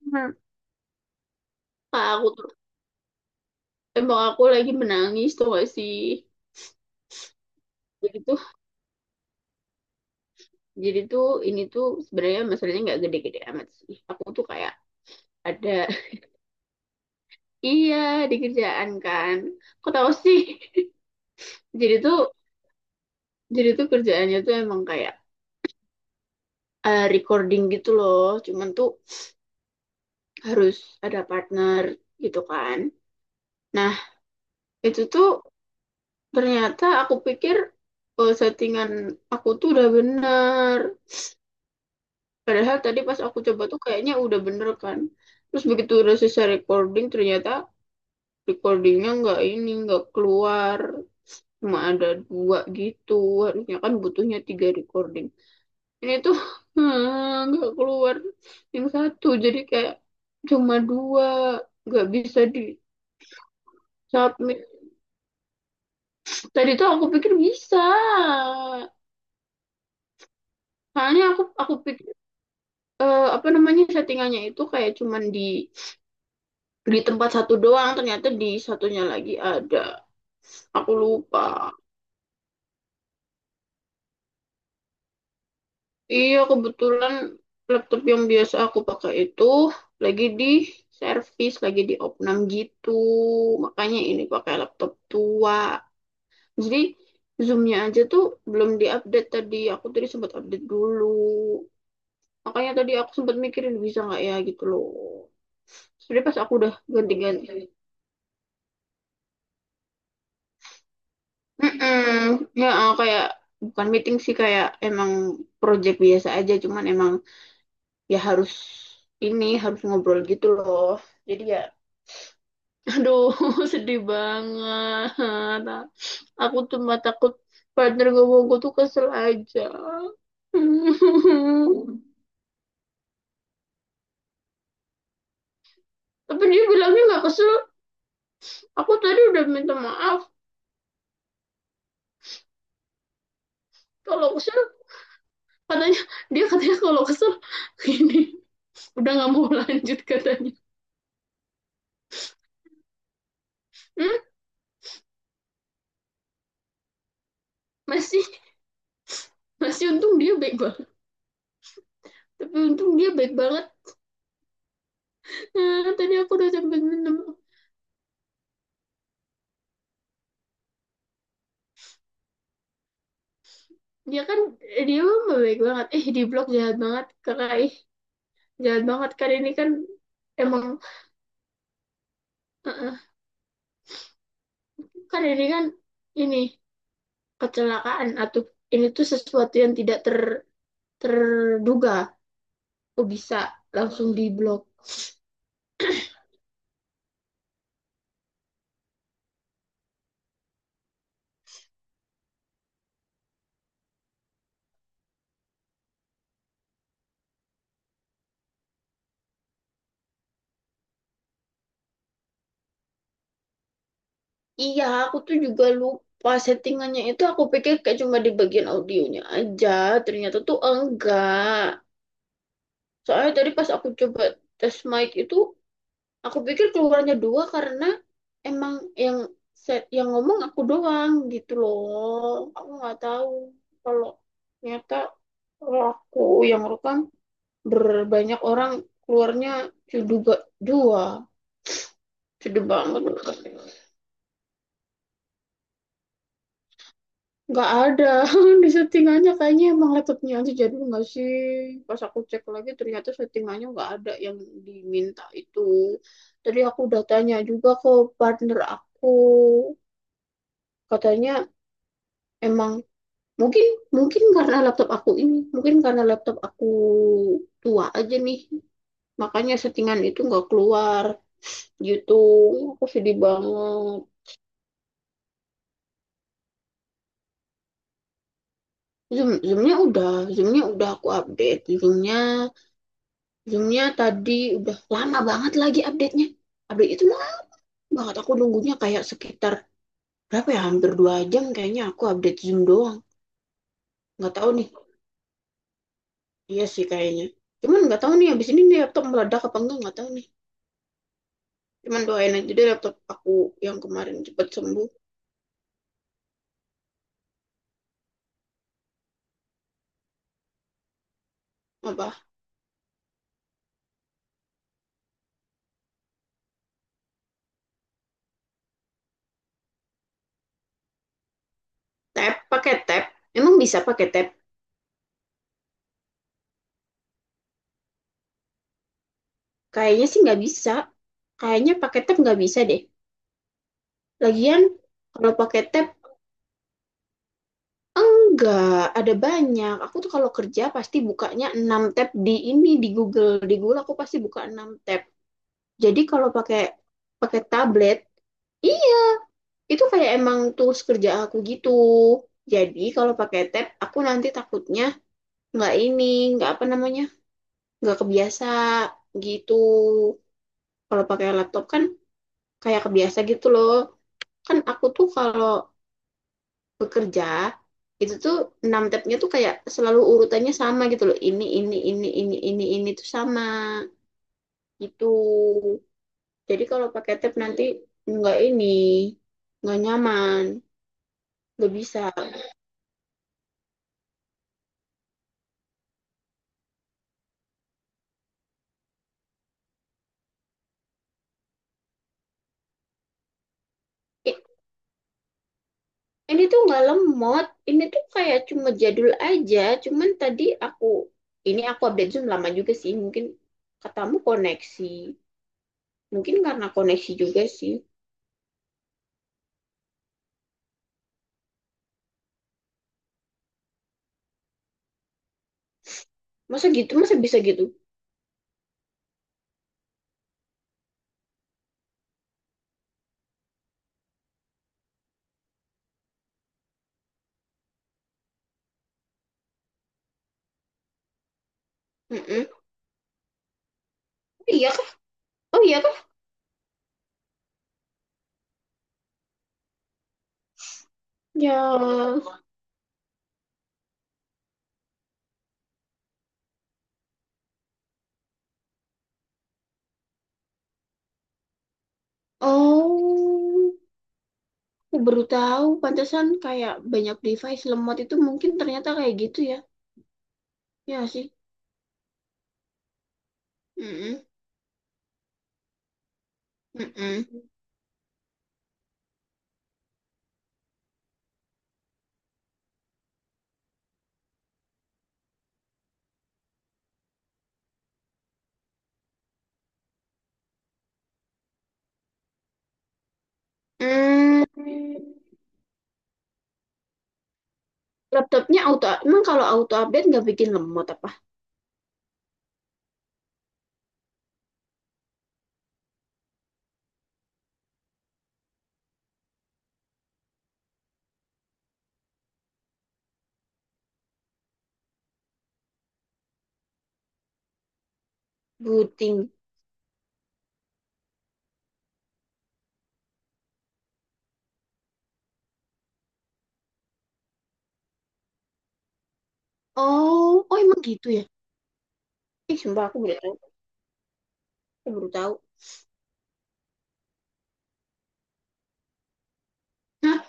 Bener. Kak, aku tuh tembok aku lagi menangis tuh gak sih? Jadi tuh jadi tuh ini tuh sebenarnya masalahnya nggak gede-gede amat sih, aku tuh kayak ada. Iya, di kerjaan kan. Kok tahu sih? jadi tuh jadi tuh kerjaannya tuh emang kayak recording gitu loh, cuman tuh harus ada partner gitu kan. Nah, itu tuh ternyata aku pikir settingan aku tuh udah bener. Padahal tadi pas aku coba tuh kayaknya udah bener kan. Terus begitu udah selesai recording, ternyata recordingnya nggak ini, nggak keluar. Cuma ada dua gitu. Harusnya kan butuhnya tiga recording. Ini tuh nggak keluar yang satu. Jadi kayak cuma dua, nggak bisa di submit. Tadi tuh aku pikir bisa. Soalnya aku pikir apa namanya, settingannya itu kayak cuman di tempat satu doang, ternyata di satunya lagi ada. Aku lupa. Iya, kebetulan laptop yang biasa aku pakai itu lagi di servis, lagi di opnam gitu. Makanya ini pakai laptop tua. Jadi Zoom-nya aja tuh belum diupdate tadi. Aku tadi sempat update dulu. Makanya tadi aku sempat mikirin bisa nggak ya gitu loh. Sebenernya pas aku udah ganti-ganti. Mm-mm. Kayak bukan meeting sih, kayak emang project biasa aja, cuman emang ya harus ini, harus ngobrol gitu loh. Jadi ya aduh, sedih banget. Aku cuma takut partner gue mau gue tuh kesel aja. Tapi dia bilangnya nggak kesel. Aku tadi udah minta maaf. Kalau kesel katanya, dia katanya kalau kesel ini udah nggak mau lanjut katanya. Hmm? Masih. Masih untung dia baik banget. Tapi untung dia baik banget. Ah, tadi aku udah sampai minta. Dia kan dia mah baik banget, eh, di blok jahat banget kakak ih. Jahat banget kan ini kan. Emang, eh, kan ini kan, ini kecelakaan atau ini tuh sesuatu yang tidak ter terduga. Kok bisa langsung di blok? Iya, aku tuh juga lupa settingannya itu aku pikir kayak cuma di bagian audionya aja, ternyata tuh enggak. Soalnya tadi pas aku coba tes mic itu, aku pikir keluarnya dua karena emang yang set yang ngomong aku doang gitu loh. Aku nggak tahu kalau ternyata kalau aku yang rekam berbanyak orang keluarnya juga dua. Sedih banget. Nggak ada. Di settingannya kayaknya emang laptopnya aja jadi nggak sih. Pas aku cek lagi ternyata settingannya nggak ada yang diminta itu. Tadi aku udah tanya juga ke partner aku. Katanya emang. Mungkin, mungkin karena laptop aku ini, mungkin karena laptop aku tua aja nih. Makanya settingan itu nggak keluar gitu. Aku sedih banget. Zoom, zoomnya udah aku update. Zoomnya, zoomnya tadi udah lama banget lagi update-nya. Update itu lama banget aku nunggunya kayak sekitar berapa ya? Hampir 2 jam kayaknya aku update zoom doang. Nggak tahu nih. Iya sih kayaknya. Cuman nggak tahu nih abis ini nih laptop meledak apa enggak, nggak tahu nih. Cuman doain aja deh laptop aku yang kemarin cepet sembuh. Apa? Tab? Pakai tab? Emang bisa pakai tab? Kayaknya sih nggak bisa. Kayaknya pakai tab nggak bisa deh. Lagian kalau pakai tab enggak ada banyak. Aku tuh kalau kerja pasti bukanya 6 tab di ini di Google. Di Google aku pasti buka 6 tab. Jadi kalau pakai pakai tablet, iya itu kayak emang tools kerja aku gitu. Jadi kalau pakai tab, aku nanti takutnya nggak ini, nggak apa namanya, nggak kebiasa gitu. Kalau pakai laptop kan kayak kebiasa gitu loh. Kan aku tuh kalau bekerja itu tuh 6 tabnya tuh kayak selalu urutannya sama gitu loh, ini tuh sama gitu. Jadi kalau pakai tab nanti nggak ini, nggak nyaman, nggak bisa. Ini tuh nggak lemot, ini tuh kayak cuma jadul aja. Cuman tadi aku, ini aku update Zoom lama juga sih. Mungkin katamu koneksi, mungkin karena koneksi juga sih. Masa gitu, masa bisa gitu? Mm-mm. Oh iya kah? Oh iya kah? Ya, oh, aku baru tahu. Pantesan kayak banyak device lemot itu mungkin ternyata kayak gitu ya. Ya nggak sih. Mm-mm. Mm-mm. Mm. Laptopnya auto, emang kalau auto update nggak bikin lemot apa? Buting. Oh, oh emang gitu ya? Ih, sumpah aku baru tahu. Aku baru tahu. Hah,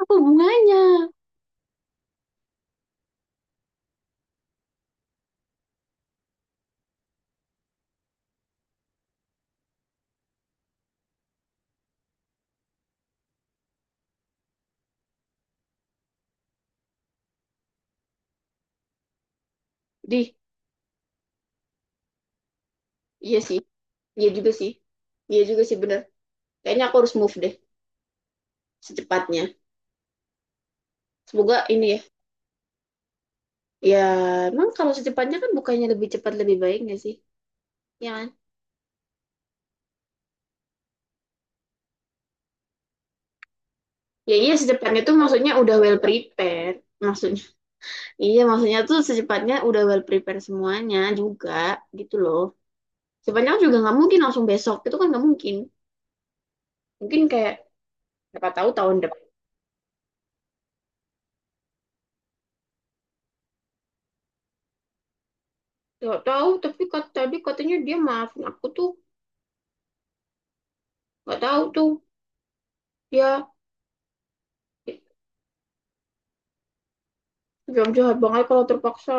apa hubungannya? Di, iya sih. Iya juga sih. Iya juga sih bener. Kayaknya aku harus move deh secepatnya. Semoga ini ya. Ya, emang kalau secepatnya kan bukannya lebih cepat lebih baik nggak sih? Ya kan? Ya iya secepatnya tuh maksudnya udah well prepared. Maksudnya, iya maksudnya tuh secepatnya udah well prepared semuanya juga gitu loh. Secepatnya juga nggak mungkin langsung besok, itu kan nggak mungkin. Mungkin kayak siapa tahu tahun depan, nggak tahu, tapi kat- tadi katanya dia maafin aku tuh. Nggak tahu tuh. Dia jam jahat banget kalau terpaksa.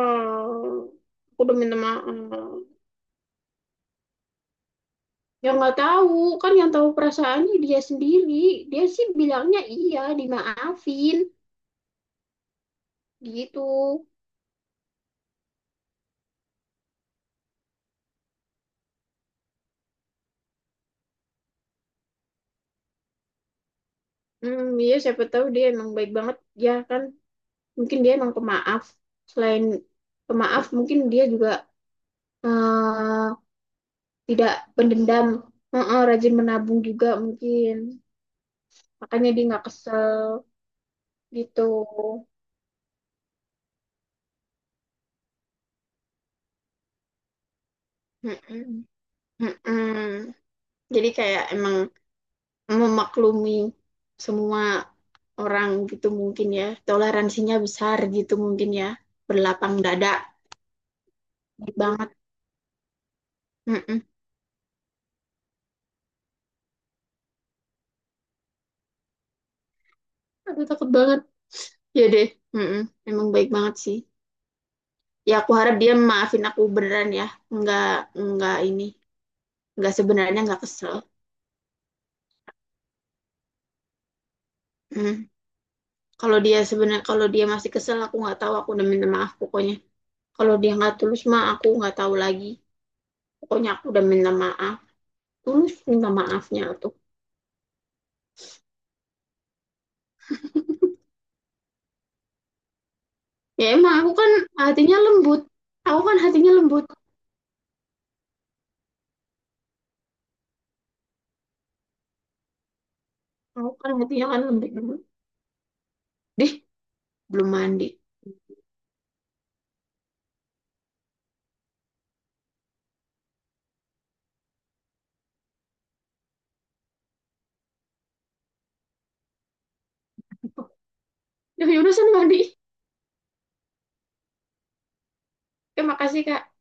Aku udah minta maaf. Ya nggak tahu, kan yang tahu perasaannya dia sendiri. Dia sih bilangnya iya, dimaafin gitu. Hmm, iya siapa tahu dia emang baik banget ya kan. Mungkin dia emang pemaaf. Selain pemaaf, mungkin dia juga eh, tidak pendendam. Rajin menabung juga mungkin. Makanya dia nggak kesel gitu. Mm-mm. Mm-mm. Jadi kayak emang memaklumi semua orang gitu mungkin ya. Toleransinya besar gitu mungkin ya. Berlapang dada, baik banget. Mm-mm. Aduh takut banget. Iya deh. Mm-mm. Emang baik banget sih. Ya aku harap dia maafin aku beneran ya. nggak nggak ini. Nggak, sebenarnya nggak kesel. Mm. Kalau dia sebenarnya kalau dia masih kesel aku nggak tahu, aku udah minta maaf pokoknya. Kalau dia nggak tulus mah aku nggak tahu lagi. Pokoknya aku udah minta maaf. Tulus minta maafnya tuh. Ya emang aku kan hatinya lembut. Aku kan hatinya lembut. Aku kan hatinya kan lembut. Deh, belum mandi. Ya udah sana mandi. Terima kasih, Kak.